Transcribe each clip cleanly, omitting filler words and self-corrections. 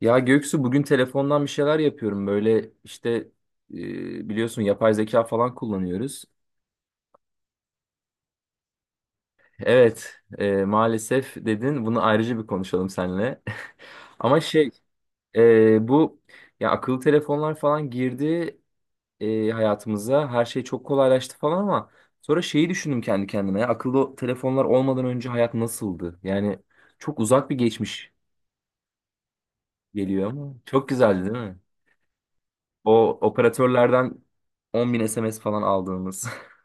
Ya Göksu, bugün telefondan bir şeyler yapıyorum böyle işte, biliyorsun yapay zeka falan kullanıyoruz. Evet, maalesef dedin, bunu ayrıca bir konuşalım seninle. Ama şey, bu, ya akıllı telefonlar falan girdi hayatımıza, her şey çok kolaylaştı falan ama sonra şeyi düşündüm kendi kendime, ya akıllı telefonlar olmadan önce hayat nasıldı? Yani çok uzak bir geçmiş geliyor ama çok güzeldi, değil mi? O operatörlerden 10 bin SMS falan aldığımız.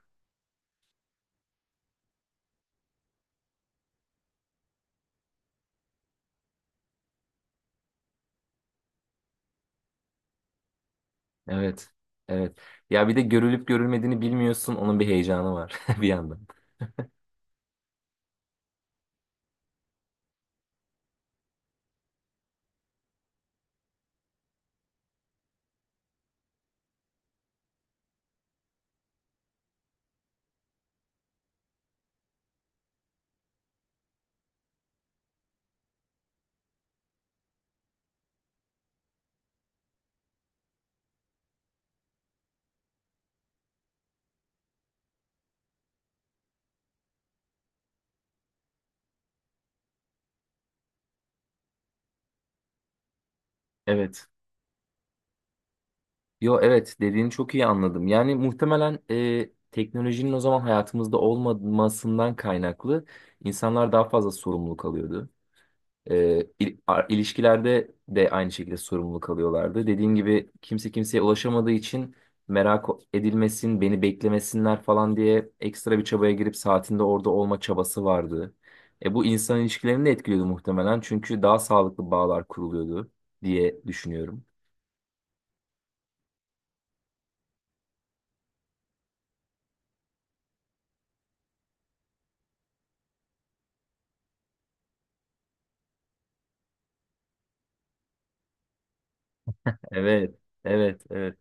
Evet. Evet. Ya bir de görülüp görülmediğini bilmiyorsun. Onun bir heyecanı var bir yandan. Evet. Yo, evet, dediğini çok iyi anladım. Yani muhtemelen teknolojinin o zaman hayatımızda olmamasından kaynaklı insanlar daha fazla sorumluluk alıyordu. İlişkilerde de aynı şekilde sorumlu kalıyorlardı. Dediğim gibi kimse kimseye ulaşamadığı için merak edilmesin, beni beklemesinler falan diye ekstra bir çabaya girip saatinde orada olma çabası vardı. Bu insan ilişkilerini de etkiliyordu muhtemelen, çünkü daha sağlıklı bağlar kuruluyordu diye düşünüyorum. Evet, evet, evet.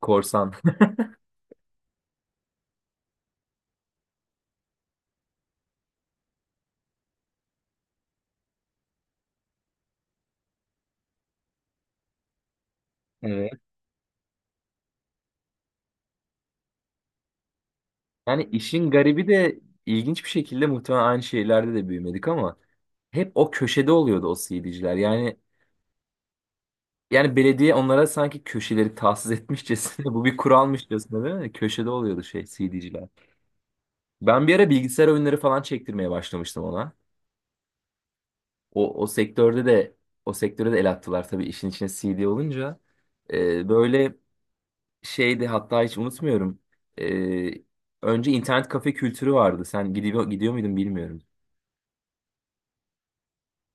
Korsan. Evet. Yani işin garibi de ilginç bir şekilde, muhtemelen aynı şeylerde de büyümedik ama hep o köşede oluyordu o CD'ciler. Yani belediye onlara sanki köşeleri tahsis etmişçesine, bu bir kuralmışçasına, değil mi? Köşede oluyordu şey CD'ciler. Ben bir ara bilgisayar oyunları falan çektirmeye başlamıştım ona. O sektörde de, o sektöre de el attılar tabii, işin içine CD olunca. Böyle şeydi, hatta hiç unutmuyorum. Ee, Önce internet kafe kültürü vardı. Sen gidiyor muydun bilmiyorum.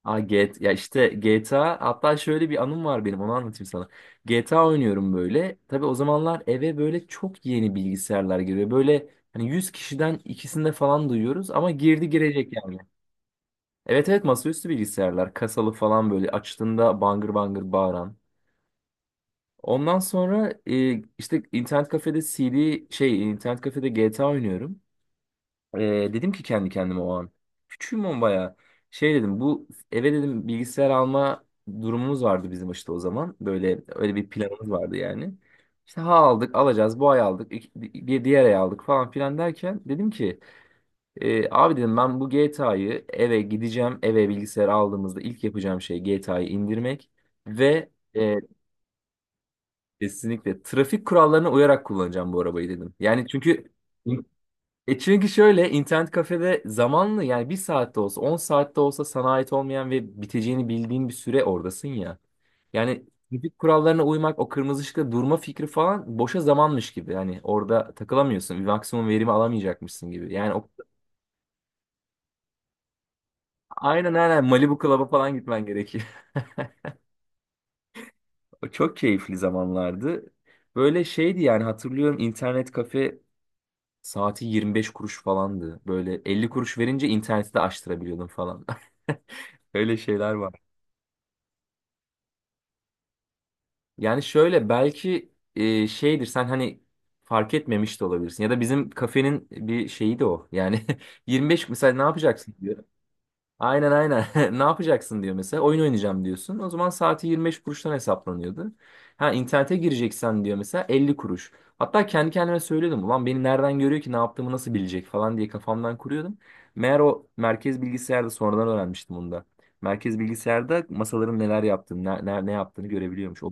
Aa, G- T A, Ya işte GTA, hatta şöyle bir anım var benim, onu anlatayım sana. GTA oynuyorum böyle. Tabii o zamanlar eve böyle çok yeni bilgisayarlar giriyor. Böyle hani 100 kişiden ikisinde falan duyuyoruz ama girdi girecek yani. Evet, evet, masaüstü bilgisayarlar kasalı falan, böyle açtığında bangır bangır bağıran. Ondan sonra işte internet kafede CD, şey, internet kafede GTA oynuyorum. Ee, Dedim ki kendi kendime o an. Küçüğüm ama bayağı. Şey dedim, bu eve dedim bilgisayar alma durumumuz vardı bizim işte o zaman. Böyle öyle bir planımız vardı yani. İşte ha aldık, alacağız, bu ay aldık, bir diğer ay aldık falan filan derken dedim ki, abi dedim, ben bu GTA'yı, eve gideceğim, eve bilgisayar aldığımızda ilk yapacağım şey GTA'yı indirmek ve e, kesinlikle trafik kurallarına uyarak kullanacağım bu arabayı dedim. Yani çünkü, şöyle, internet kafede zamanlı, yani bir saatte olsa, 10 saatte olsa, sana ait olmayan ve biteceğini bildiğin bir süre oradasın ya. Yani trafik kurallarına uymak, o kırmızı ışıkta durma fikri falan boşa zamanmış gibi. Yani orada takılamıyorsun, bir maksimum verimi alamayacakmışsın gibi. Yani o, aynen aynen Malibu Club'a falan gitmen gerekiyor. O çok keyifli zamanlardı. Böyle şeydi yani, hatırlıyorum internet kafe saati 25 kuruş falandı. Böyle 50 kuruş verince interneti de açtırabiliyordun falan. Öyle şeyler var. Yani şöyle, belki şeydir, sen hani fark etmemiş de olabilirsin, ya da bizim kafenin bir şeyi de o. Yani 25, mesela ne yapacaksın? Aynen aynen. Ne yapacaksın diyor mesela. Oyun oynayacağım diyorsun. O zaman saati 25 kuruştan hesaplanıyordu. Ha internete gireceksen diyor mesela 50 kuruş. Hatta kendi kendime söylüyordum. Ulan, beni nereden görüyor ki, ne yaptığımı nasıl bilecek falan diye kafamdan kuruyordum. Meğer o merkez bilgisayarda, sonradan öğrenmiştim onu da. Merkez bilgisayarda masaların neler yaptığını, ne yaptığını görebiliyormuş. O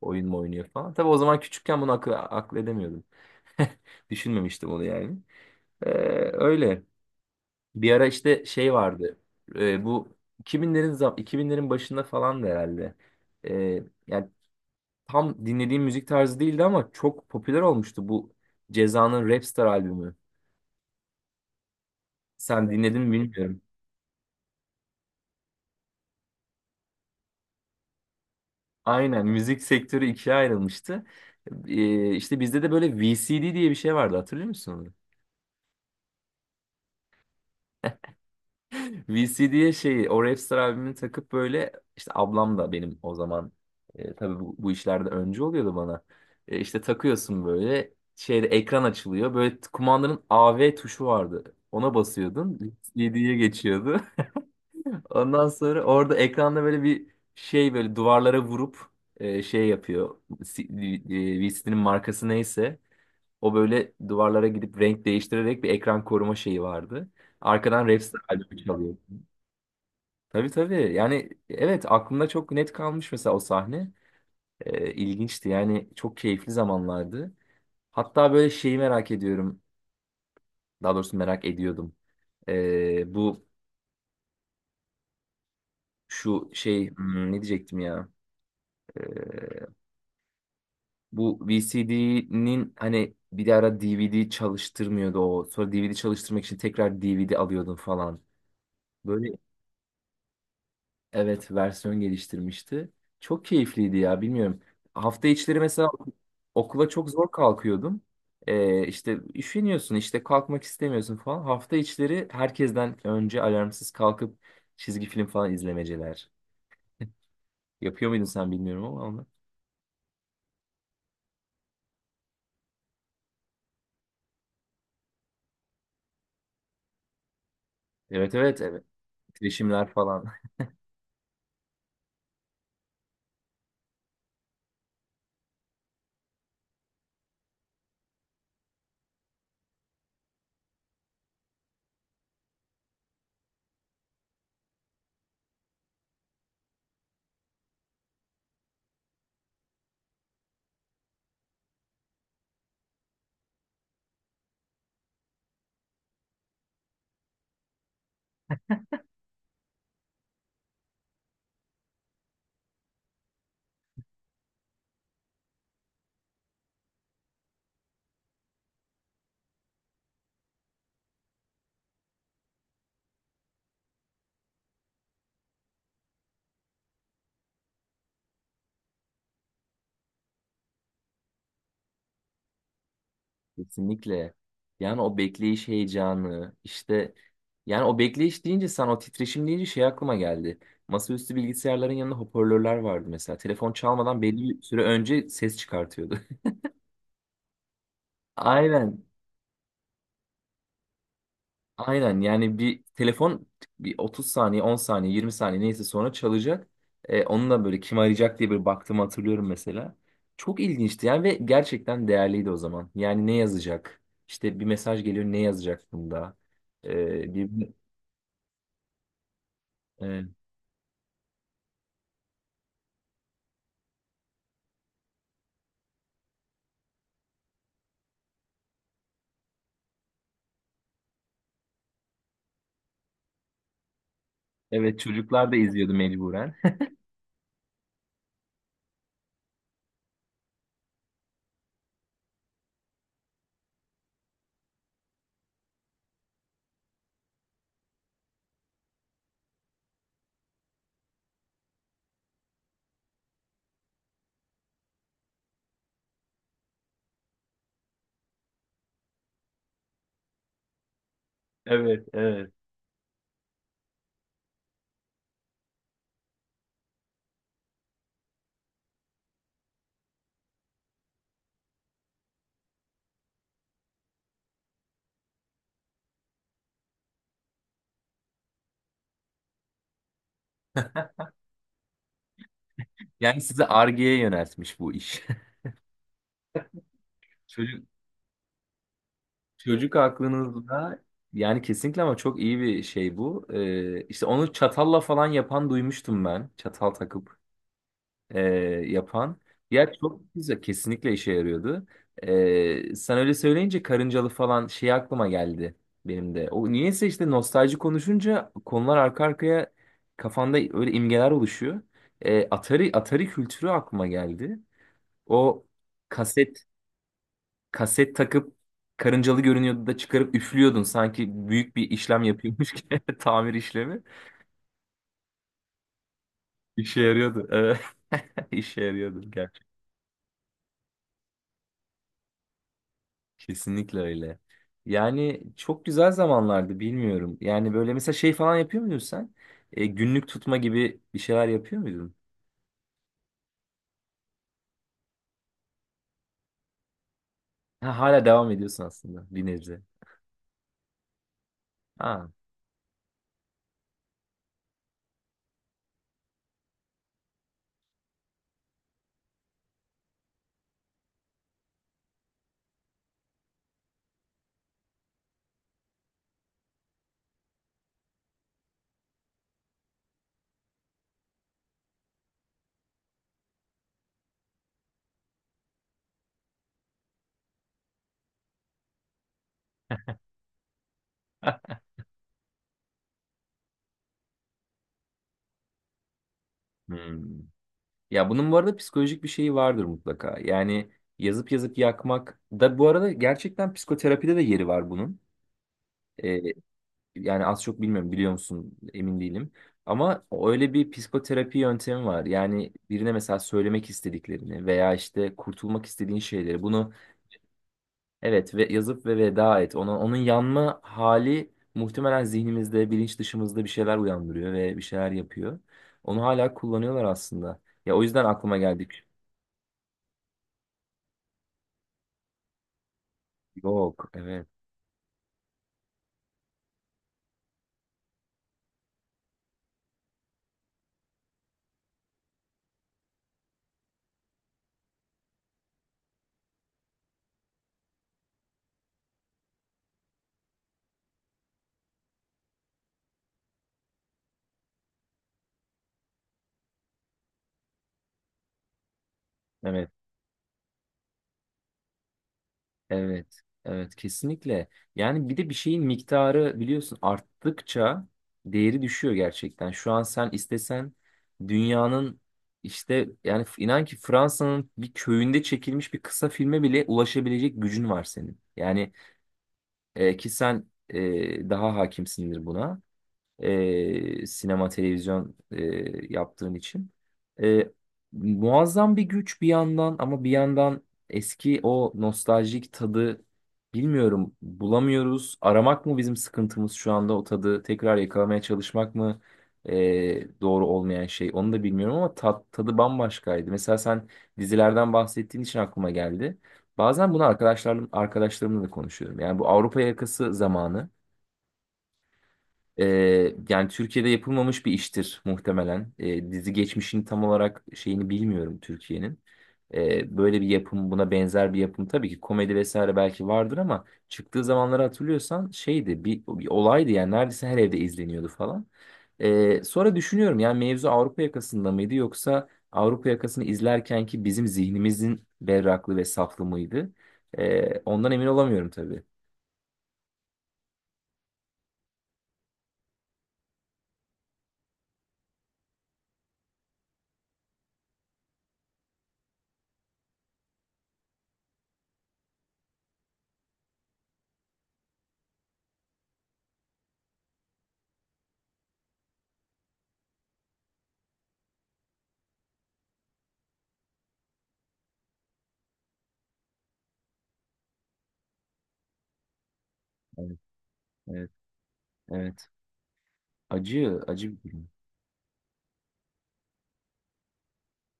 oyun mu oynuyor falan. Tabii o zaman küçükken bunu akıl edemiyordum. Düşünmemiştim onu yani. Ee, Öyle. Bir ara işte şey vardı. Bu 2000'lerin başında falan, herhalde. Yani tam dinlediğim müzik tarzı değildi ama çok popüler olmuştu bu Ceza'nın Rapstar albümü. Sen, evet, dinledin mi bilmiyorum. Aynen, müzik sektörü ikiye ayrılmıştı. İşte bizde de böyle VCD diye bir şey vardı, hatırlıyor musun onu? VCD'ye şeyi, o Rapstar albümünü takıp böyle, işte ablam da benim o zaman, tabii bu işlerde önce oluyordu bana. İşte takıyorsun, böyle şeyde ekran açılıyor. Böyle, kumandanın AV tuşu vardı. Ona basıyordun. VCD'ye geçiyordu. Ondan sonra orada ekranda böyle bir şey, böyle duvarlara vurup şey yapıyor. VCD'nin markası neyse, o böyle duvarlara gidip renk değiştirerek bir ekran koruma şeyi vardı. Arkadan Rapstar albümü çalıyor. Tabii tabii. Yani evet, aklımda çok net kalmış mesela o sahne. İlginçti. Yani çok keyifli zamanlardı. Hatta böyle şeyi merak ediyorum. Daha doğrusu merak ediyordum. Bu şu şey, ne diyecektim ya? Ee, Bu VCD'nin hani bir ara DVD çalıştırmıyordu o. Sonra DVD çalıştırmak için tekrar DVD alıyordun falan. Böyle. Evet, versiyon geliştirmişti. Çok keyifliydi ya, bilmiyorum. Hafta içleri mesela okula çok zor kalkıyordum. İşte üşeniyorsun, işte kalkmak istemiyorsun falan. Hafta içleri herkesten önce alarmsız kalkıp çizgi film falan izlemeceler. Yapıyor muydun sen bilmiyorum ama onu. Evet, evet, evet. Titreşimler falan. Kesinlikle. Yani o bekleyiş heyecanı işte, yani o bekleyiş deyince, sen o titreşim deyince şey aklıma geldi. Masaüstü bilgisayarların yanında hoparlörler vardı mesela. Telefon çalmadan belli bir süre önce ses çıkartıyordu. Aynen. Aynen, yani bir telefon bir 30 saniye, 10 saniye, 20 saniye neyse sonra çalacak. Onunla böyle, kim arayacak diye bir baktığımı hatırlıyorum mesela. Çok ilginçti yani, ve gerçekten değerliydi o zaman. Yani ne yazacak? İşte bir mesaj geliyor, ne yazacak bunda? E, bir Evet. Evet, çocuklar da izliyordu mecburen. Evet, evet. Yani sizi Ar-Ge'ye yöneltmiş bu iş. Çocuk, çocuk aklınızda yani, kesinlikle, ama çok iyi bir şey bu. İşte onu çatalla falan yapan duymuştum ben. Çatal takıp, e, yapan. Ya çok güzel, kesinlikle işe yarıyordu. Sen öyle söyleyince karıncalı falan şey aklıma geldi benim de. O niyeyse, işte nostalji konuşunca konular arka arkaya kafanda öyle imgeler oluşuyor. Atari kültürü aklıma geldi. O kaset kaset takıp karıncalı görünüyordu da çıkarıp üflüyordun, sanki büyük bir işlem yapıyormuş gibi tamir işlemi. İşe yarıyordu. Evet. İşe yarıyordu. Kesinlikle öyle. Yani çok güzel zamanlardı, bilmiyorum. Yani böyle mesela şey falan yapıyor muydun sen? Günlük tutma gibi bir şeyler yapıyor muydun? Ha, hala devam ediyorsun aslında bir nebze. Ha. Hmm. Ya bunun bu arada psikolojik bir şeyi vardır mutlaka. Yani yazıp yazıp yakmak da bu arada gerçekten psikoterapide de yeri var bunun. E, Yani az çok bilmiyorum, biliyor musun, emin değilim. Ama öyle bir psikoterapi yöntemi var. Yani birine mesela söylemek istediklerini veya işte kurtulmak istediğin şeyleri, bunu evet ve yazıp veda et. Onun yanma hali muhtemelen zihnimizde, bilinç dışımızda bir şeyler uyandırıyor ve bir şeyler yapıyor. Onu hala kullanıyorlar aslında. Ya o yüzden aklıma geldik. Yok, evet. Evet. Evet, evet kesinlikle. Yani bir de bir şeyin miktarı biliyorsun arttıkça değeri düşüyor gerçekten. Şu an sen istesen dünyanın, işte, yani inan ki Fransa'nın bir köyünde çekilmiş bir kısa filme bile ulaşabilecek gücün var senin. Yani ki sen daha hakimsindir buna, sinema televizyon yaptığın için. E, Muazzam bir güç bir yandan, ama bir yandan eski o nostaljik tadı bilmiyorum bulamıyoruz. Aramak mı bizim sıkıntımız şu anda, o tadı tekrar yakalamaya çalışmak mı, doğru olmayan şey, onu da bilmiyorum ama tadı bambaşkaydı. Mesela sen dizilerden bahsettiğin için aklıma geldi. Bazen bunu arkadaşlarımla da konuşuyorum. Yani bu Avrupa yakası zamanı. Yani Türkiye'de yapılmamış bir iştir muhtemelen. Dizi geçmişini tam olarak şeyini bilmiyorum Türkiye'nin. Böyle bir yapım, buna benzer bir yapım tabii ki komedi vesaire belki vardır, ama çıktığı zamanları hatırlıyorsan şeydi, bir olaydı yani, neredeyse her evde izleniyordu falan. Sonra düşünüyorum, yani mevzu Avrupa yakasında mıydı, yoksa Avrupa yakasını izlerken ki bizim zihnimizin berraklığı ve saflığı mıydı? Ondan emin olamıyorum tabii. Evet, evet, evet. Acı, acı bir durum.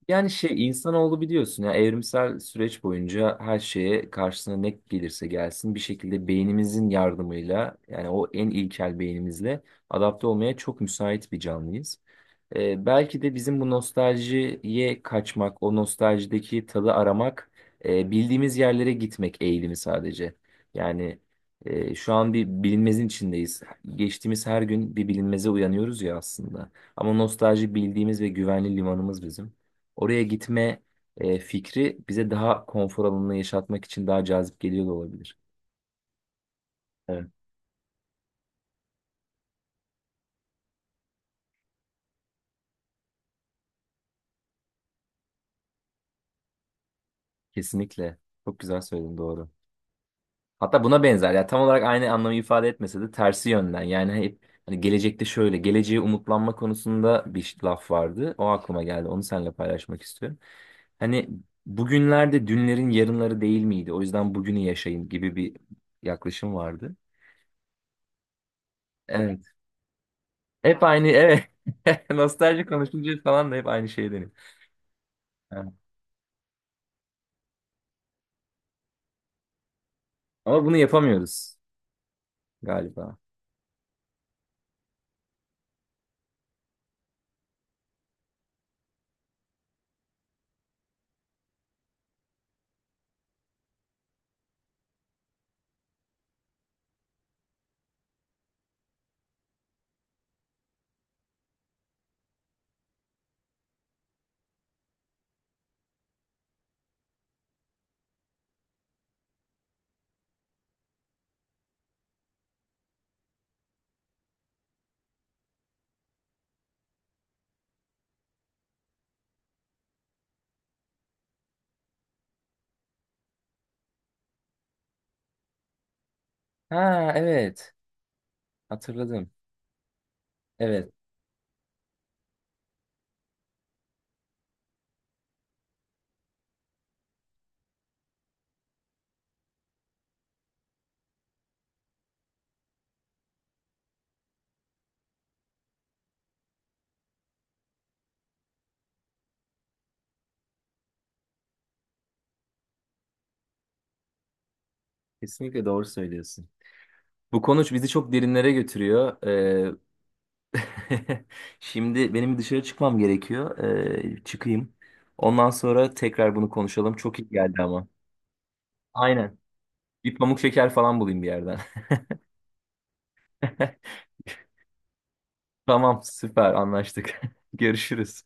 Yani şey, insanoğlu biliyorsun ya, evrimsel süreç boyunca her şeye, karşısına ne gelirse gelsin, bir şekilde beynimizin yardımıyla, yani o en ilkel beynimizle adapte olmaya çok müsait bir canlıyız. Belki de bizim bu nostaljiye kaçmak, o nostaljideki tadı aramak, bildiğimiz yerlere gitmek eğilimi sadece. Yani şu an bir bilinmezin içindeyiz. Geçtiğimiz her gün bir bilinmeze uyanıyoruz ya aslında. Ama nostalji bildiğimiz ve güvenli limanımız bizim. Oraya gitme fikri bize daha konfor alanını yaşatmak için daha cazip geliyor da olabilir. Evet. Kesinlikle. Çok güzel söyledin, doğru. Hatta buna benzer, ya tam olarak aynı anlamı ifade etmese de tersi yönden. Yani hep, hani gelecekte, şöyle geleceğe umutlanma konusunda bir laf vardı. O aklıma geldi. Onu seninle paylaşmak istiyorum. Hani bugünlerde dünlerin yarınları değil miydi? O yüzden bugünü yaşayın gibi bir yaklaşım vardı. Evet. Hep aynı, evet. Nostalji konuşunca falan da hep aynı şey deniyor. Ama bunu yapamıyoruz galiba. Ha evet. Hatırladım. Evet. Kesinlikle doğru söylüyorsun. Bu konuş bizi çok derinlere götürüyor. Şimdi benim dışarı çıkmam gerekiyor. Çıkayım. Ondan sonra tekrar bunu konuşalım. Çok iyi geldi ama. Aynen. Bir pamuk şeker falan bulayım bir yerden. Tamam, süper anlaştık. Görüşürüz.